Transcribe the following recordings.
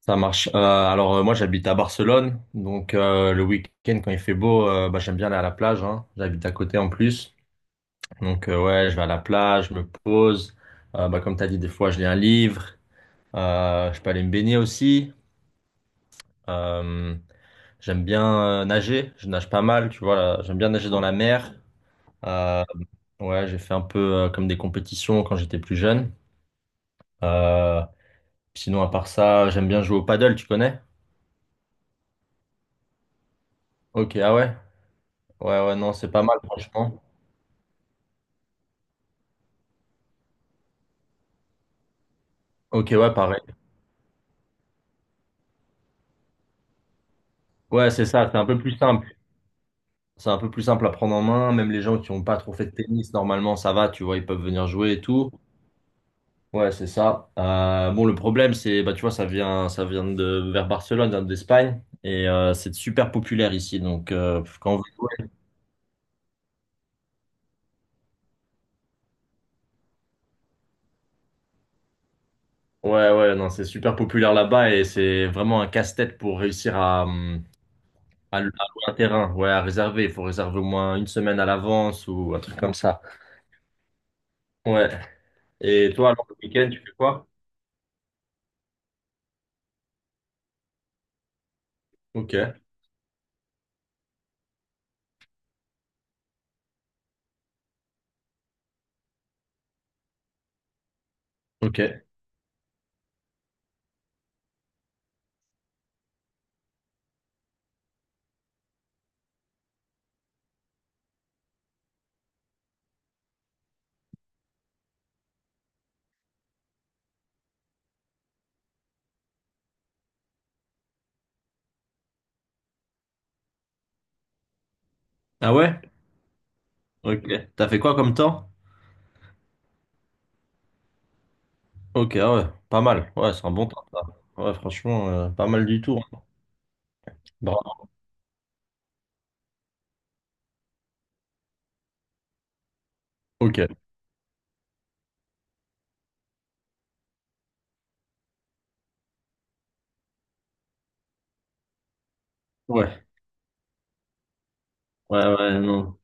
Ça marche. Alors, moi j'habite à Barcelone, donc le week-end quand il fait beau, bah, j'aime bien aller à la plage, hein. J'habite à côté en plus, donc ouais, je vais à la plage, je me pose. Bah, comme t'as dit, des fois je lis un livre. Je peux aller me baigner aussi. Euh, J'aime bien nager, je nage pas mal, tu vois, là. J'aime bien nager dans la mer. Euh, ouais, j'ai fait un peu comme des compétitions quand j'étais plus jeune. Euh, Sinon, à part ça, j'aime bien jouer au paddle, tu connais? Ok, ah ouais, ouais, ouais, non, c'est pas mal franchement. Ok, ouais, pareil. Ouais, c'est ça, c'est un peu plus simple. C'est un peu plus simple à prendre en main. Même les gens qui n'ont pas trop fait de tennis, normalement, ça va, tu vois, ils peuvent venir jouer et tout. Ouais, c'est ça. Bon, le problème, c'est, bah, tu vois, ça vient de vers Barcelone, ça vient d'Espagne, et c'est super populaire ici. Donc, quand on veut. Ouais, ouais, non, c'est super populaire là-bas et c'est vraiment un casse-tête pour réussir à louer un terrain, ouais, à réserver. Il faut réserver au moins une semaine à l'avance ou un truc comme ça. Ouais. Et toi, alors, le week-end, tu fais quoi? Ok. Ok. Ah ouais? Ok. T'as fait quoi comme temps? Ok, ah ouais, pas mal. Ouais, c'est un bon temps, ça. Ouais, franchement, pas mal du tout, hein. Bravo. Ok. Ouais. Ouais, ouais, non.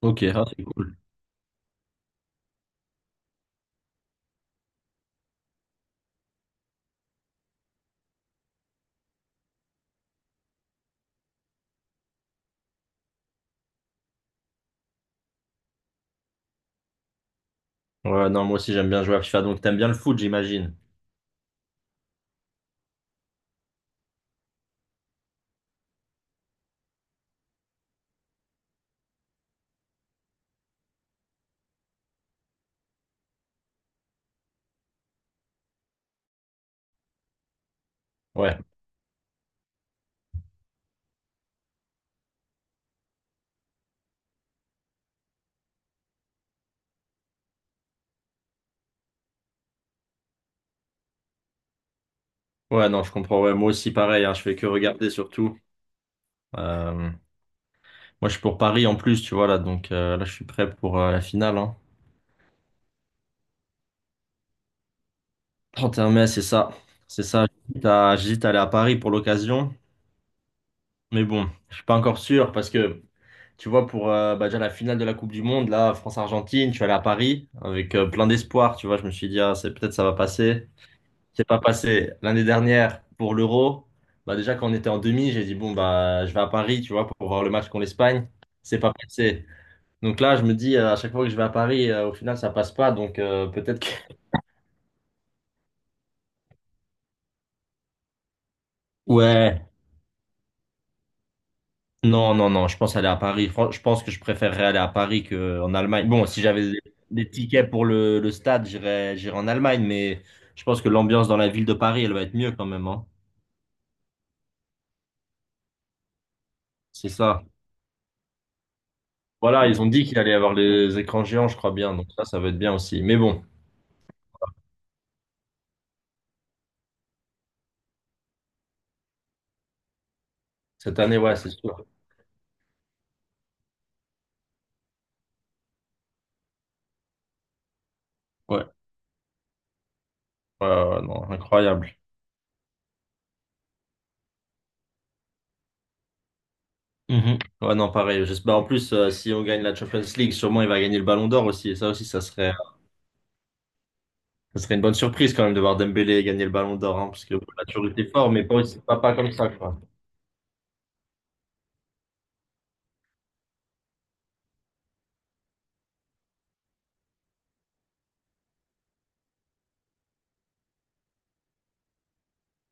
Ok, ah, c'est cool. Ouais, non, moi aussi, j'aime bien jouer à FIFA. Donc, t'aimes bien le foot, j'imagine. Ouais. Ouais, non, je comprends. Ouais, moi aussi, pareil, hein, je fais que regarder, surtout. Euh, Moi, je suis pour Paris, en plus, tu vois, là. Donc, là, je suis prêt pour la finale, hein. 31 mai, c'est ça. C'est ça. J'hésite à aller à Paris pour l'occasion. Mais bon, je suis pas encore sûr parce que... Tu vois, pour bah, déjà la finale de la Coupe du Monde, là, France-Argentine, je suis allé à Paris avec plein d'espoir. Tu vois, je me suis dit, ah, c'est peut-être ça va passer. C'est pas passé. L'année dernière, pour l'Euro, bah, déjà quand on était en demi, j'ai dit, bon, bah, je vais à Paris, tu vois, pour voir le match contre l'Espagne. C'est pas passé. Donc là, je me dis, à chaque fois que je vais à Paris, au final, ça passe pas. Donc peut-être que. Ouais. Non, non, non, je pense aller à Paris. Je pense que je préférerais aller à Paris qu'en Allemagne. Bon, si j'avais des tickets pour le stade, j'irais en Allemagne, mais je pense que l'ambiance dans la ville de Paris, elle va être mieux quand même, hein. C'est ça. Voilà, ils ont dit qu'il allait y avoir les écrans géants, je crois bien, donc ça va être bien aussi. Mais bon, cette année, ouais, c'est sûr. Ouais, ouais, ouais, ouais, non, incroyable. Mhm. Ouais, non, pareil. J'espère en plus, si on gagne la Champions League, sûrement il va gagner le Ballon d'Or aussi, et ça aussi, ça serait. Ça serait une bonne surprise quand même de voir Dembélé gagner le Ballon d'Or, hein, parce que bon, la Turquie était fort, mais pas aussi pas comme ça, quoi.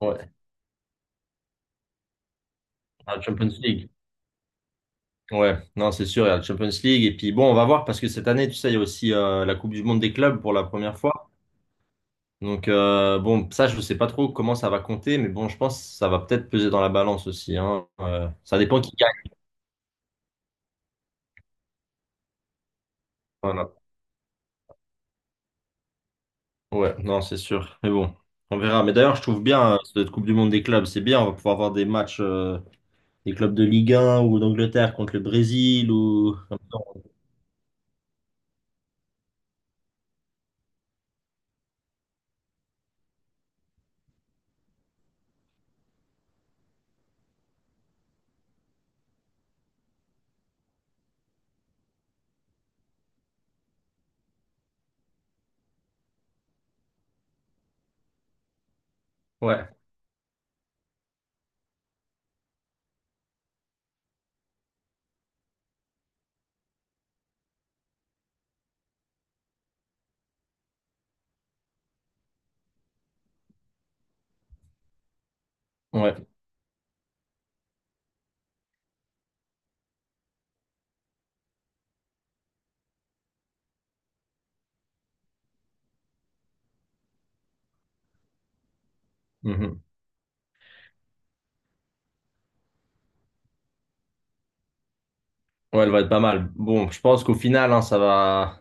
Ouais, à la Champions League. Ouais, non, c'est sûr, il y a la Champions League. Et puis bon, on va voir, parce que cette année, tu sais, il y a aussi la Coupe du Monde des clubs pour la première fois. Donc bon, ça, je ne sais pas trop comment ça va compter, mais bon, je pense que ça va peut-être peser dans la balance aussi, hein. Ça dépend qui gagne. Voilà. Ouais, non, c'est sûr. Mais bon, on verra. Mais d'ailleurs, je trouve bien cette Coupe du Monde des clubs, c'est bien, on va pouvoir voir des matchs, des clubs de Ligue 1 ou d'Angleterre contre le Brésil ou comme ça. Ouais, ouais, mhm. Ouais, elle va être pas mal. Bon, je pense qu'au final, hein, ça va.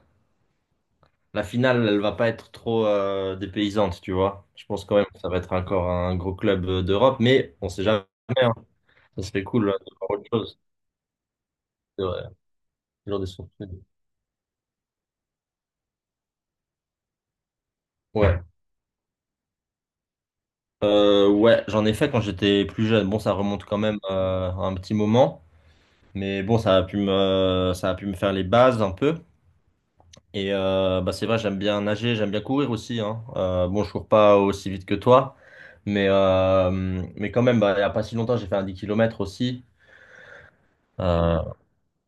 La finale, elle va pas être trop dépaysante, tu vois. Je pense quand même que ça va être encore un gros club d'Europe, mais on sait jamais, hein. Ça serait cool de voir autre chose. C'est vrai. Toujours des surprises. Ouais, ouais, j'en ai fait quand j'étais plus jeune. Bon, ça remonte quand même à un petit moment, mais bon, ça a pu me faire les bases un peu. Et bah c'est vrai, j'aime bien nager, j'aime bien courir aussi, hein. Bon, je cours pas aussi vite que toi, mais, euh, mais quand même, bah, il n'y a pas si longtemps, j'ai fait un 10 km aussi. Euh,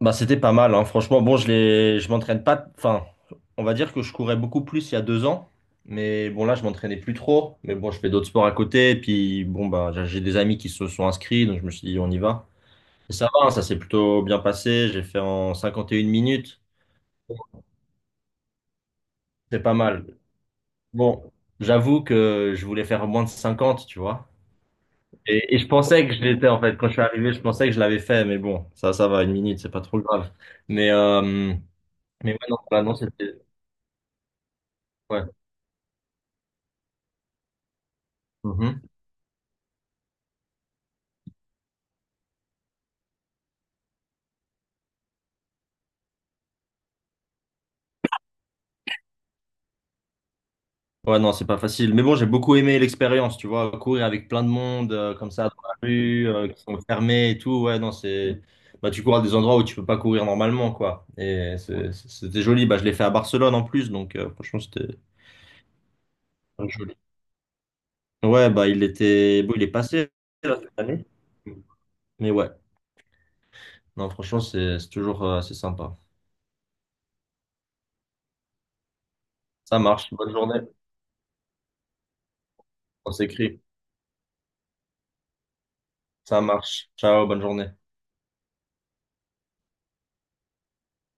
Bah, c'était pas mal, hein. Franchement, bon, je m'entraîne pas. Enfin, on va dire que je courais beaucoup plus il y a 2 ans, mais bon, là, je m'entraînais plus trop. Mais bon, je fais d'autres sports à côté, et puis bon, bah, j'ai des amis qui se sont inscrits, donc je me suis dit, on y va. Et ça va, hein, ça s'est plutôt bien passé. J'ai fait en 51 minutes, c'est pas mal. Bon, j'avoue que je voulais faire moins de 50, tu vois. Et, je pensais que je l'étais, en fait. Quand je suis arrivé, je pensais que je l'avais fait, mais bon, ça va, une minute, c'est pas trop grave. Mais, euh, mais ouais, non, voilà, non, c'était. Ouais. Mhm. Ouais, non, c'est pas facile. Mais bon, j'ai beaucoup aimé l'expérience, tu vois. Courir avec plein de monde, comme ça, dans la rue, qui sont fermés et tout. Ouais, non, c'est. Bah, tu cours à des endroits où tu peux pas courir normalement, quoi. Et c'était joli. Bah, je l'ai fait à Barcelone en plus, donc franchement, c'était. Ouais, bah il était. Bon, il est passé là, cette année. Mais ouais, non, franchement, c'est toujours assez sympa. Ça marche. Bonne journée. On s'écrit. Ça marche. Ciao, bonne journée.